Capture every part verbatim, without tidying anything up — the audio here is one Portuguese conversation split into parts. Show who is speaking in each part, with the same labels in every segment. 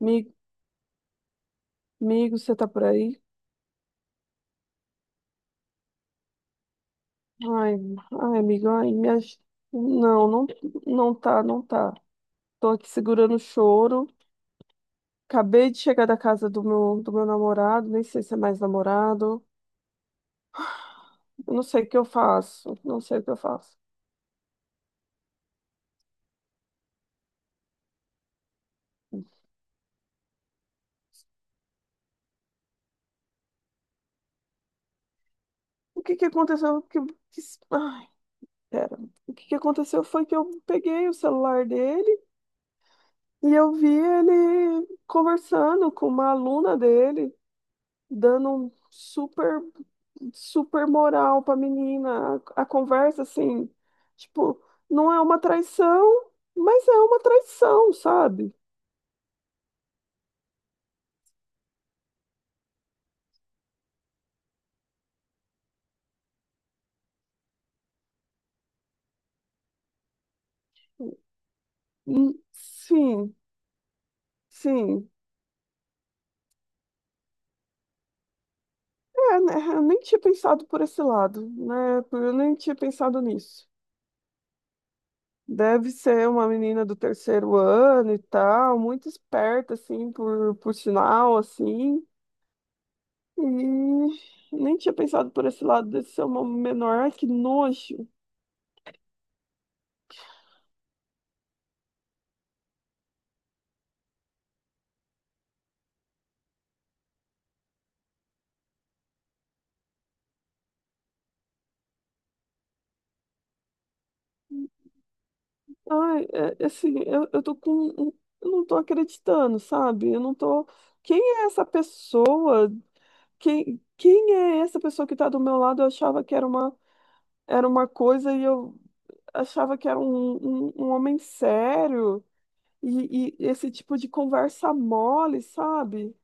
Speaker 1: Mi- Amigo, você tá por aí? Ai, ai, amigo, ai, me aj- Não, não, não tá, não tá. Tô aqui segurando o choro. Acabei de chegar da casa do meu, do meu namorado, nem sei se é mais namorado. Eu não sei o que eu faço, não sei o que eu faço. O que que aconteceu? Que, que, ai, Pera. O que que aconteceu foi que eu peguei o celular dele e eu vi ele conversando com uma aluna dele, dando um super super moral pra menina. A, a conversa, assim, tipo, não é uma traição, mas é uma traição, sabe? Hum, Sim, sim. É, né, eu nem tinha pensado por esse lado, né? Eu nem tinha pensado nisso. Deve ser uma menina do terceiro ano e tal, muito esperta, assim, por, por sinal, assim. E nem tinha pensado por esse lado desse ser uma menor. Ai, que nojo. Ai, é- é assim, eu, eu tô com. Um- um, eu não tô acreditando, sabe? Eu não tô. Quem é essa pessoa? Quem, quem é essa pessoa que tá do meu lado? Eu achava que era uma, era uma coisa e eu achava que era um, um, um homem sério. E, e esse tipo de conversa mole, sabe?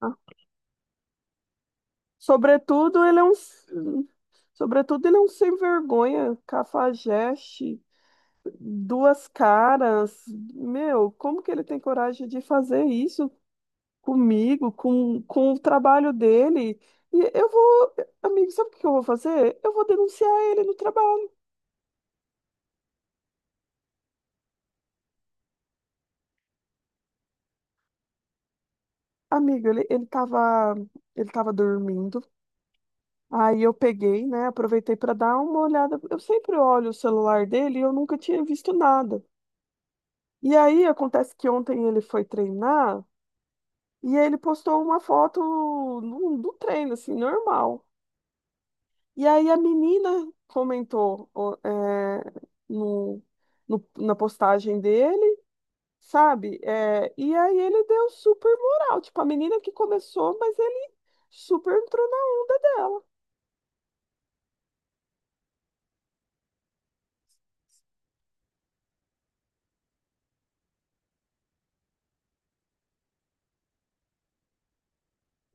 Speaker 1: Ah, sobretudo, ele é um. Sobretudo, ele é um sem vergonha, cafajeste duas caras. Meu, como que ele tem coragem de fazer isso comigo, com, com o trabalho dele? E eu vou, amigo, sabe o que eu vou fazer? Eu vou denunciar ele no trabalho. Amigo, ele, ele tava, ele tava dormindo. Aí eu peguei, né? Aproveitei para dar uma olhada. Eu sempre olho o celular dele e eu nunca tinha visto nada. E aí acontece que ontem ele foi treinar e ele postou uma foto no- do treino, assim, normal. E aí a menina comentou, ó, é, no, no- na postagem dele. Sabe? É, e aí ele deu super moral, tipo, a menina que começou, mas ele super entrou na onda dela.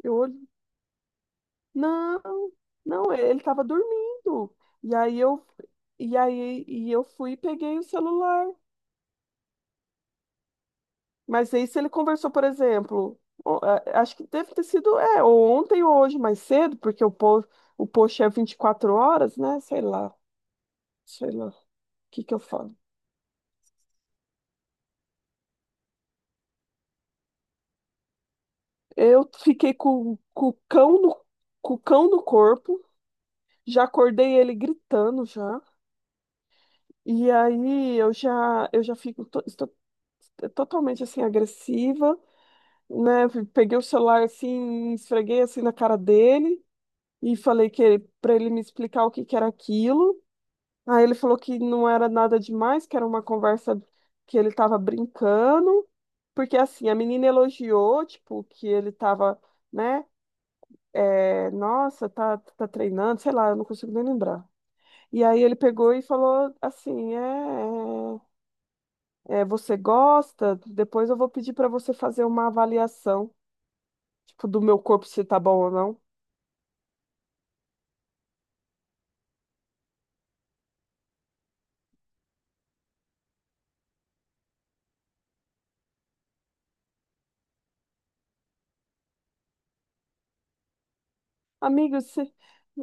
Speaker 1: Eu olhei, não, não, ele tava dormindo. E aí eu e aí e eu fui e peguei o celular. Mas aí se ele conversou, por exemplo, o- a- acho que deve ter sido, é, ou ontem ou hoje mais cedo, porque o post, o post é vinte e quatro horas, né? Sei lá, sei lá, o que que eu falo? Eu fiquei com, com o cão no, com o cão no corpo. Já acordei ele gritando já. E aí eu já eu já fico to- estou totalmente assim agressiva, né? Peguei o celular assim, esfreguei assim na cara dele e falei que ele, para ele me explicar o que que era aquilo. Aí ele falou que não era nada demais, que era uma conversa que ele estava brincando, porque assim, a menina elogiou, tipo, que ele estava, né? é, nossa, tá, tá treinando, sei lá, eu não consigo nem lembrar. E aí ele pegou e falou assim, é, é, é, você gosta? Depois eu vou pedir para você fazer uma avaliação, tipo, do meu corpo se tá bom ou não. Amigo, se,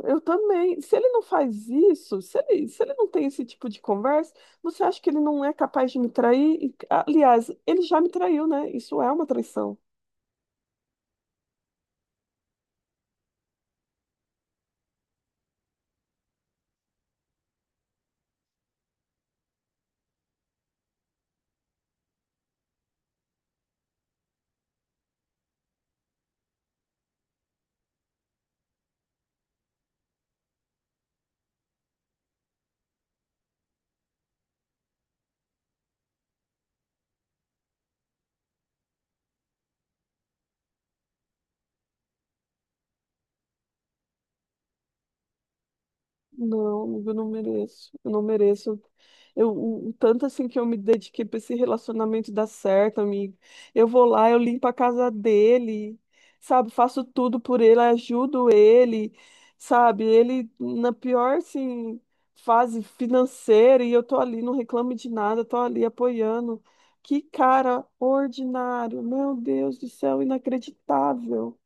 Speaker 1: eu também. Se ele não faz isso, se ele, se ele não tem esse tipo de conversa, você acha que ele não é capaz de me trair? E, aliás, ele já me traiu, né? Isso é uma traição. Não, eu não mereço. Eu não mereço. Eu, o, o tanto assim que eu me dediquei para esse relacionamento dar certo, amigo. Eu vou lá, eu limpo a casa dele, sabe? Faço tudo por ele, ajudo ele, sabe? Ele na pior, assim, fase financeira e eu tô ali, não reclamo de nada, tô ali apoiando. Que cara ordinário, meu Deus do céu, inacreditável.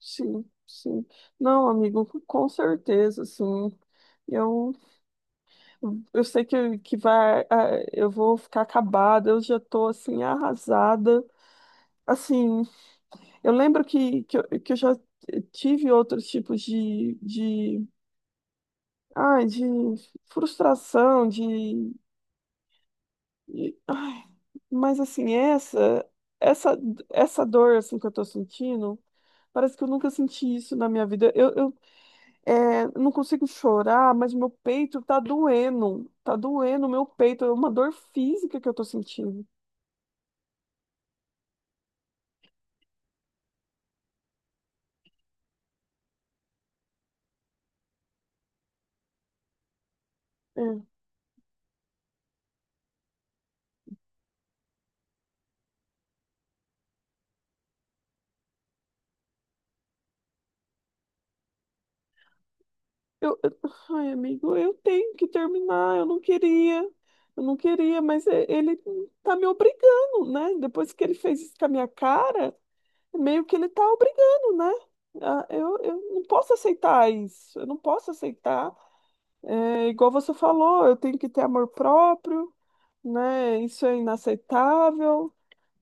Speaker 1: Sim, sim. Não, amigo, com certeza, sim. Eu, eu sei que, que vai, ah, eu vou ficar acabada, eu já tô assim, arrasada. Assim, eu lembro que, que, eu, que eu já tive outros tipos de, de, ai, de frustração, de, de- ai, mas assim, essa, essa, essa dor assim, que eu tô sentindo, parece que eu nunca senti isso na minha vida. Eu, eu É, não consigo chorar, mas meu peito tá doendo. Tá doendo meu peito. É uma dor física que eu tô sentindo. É. Eu, eu- Ai, amigo, eu tenho que terminar. Eu não queria. Eu não queria, mas e- ele tá me obrigando, né? Depois que ele fez isso com a minha cara, meio que ele tá obrigando, né? Ah, Eu, eu não posso aceitar isso. Eu não posso aceitar. É, igual você falou, eu tenho que ter amor próprio, né? Isso é inaceitável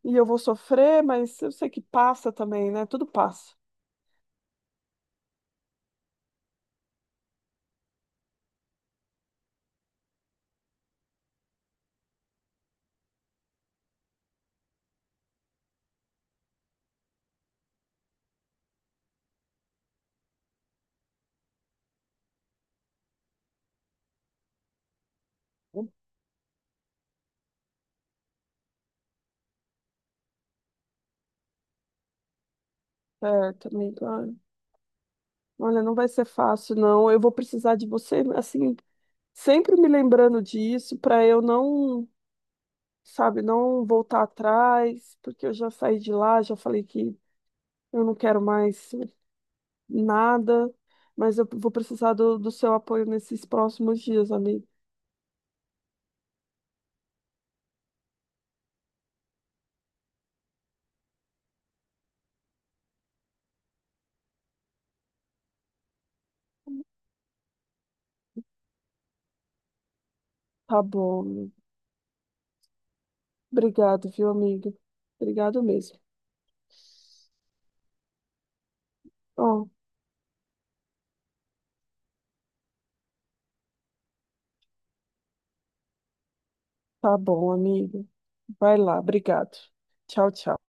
Speaker 1: e eu vou sofrer, mas eu sei que passa também, né? Tudo passa. Certo, amiga. Ai, olha, não vai ser fácil, não. Eu vou precisar de você, assim, sempre me lembrando disso para eu não, sabe, não voltar atrás, porque eu já saí de lá, já falei que eu não quero mais nada, mas eu vou precisar do, do seu apoio nesses próximos dias, amigo. Tá bom, amiga. Obrigado, viu, amigo? Obrigado mesmo. Ó. Tá bom, amigo. Vai lá, obrigado. Tchau, tchau.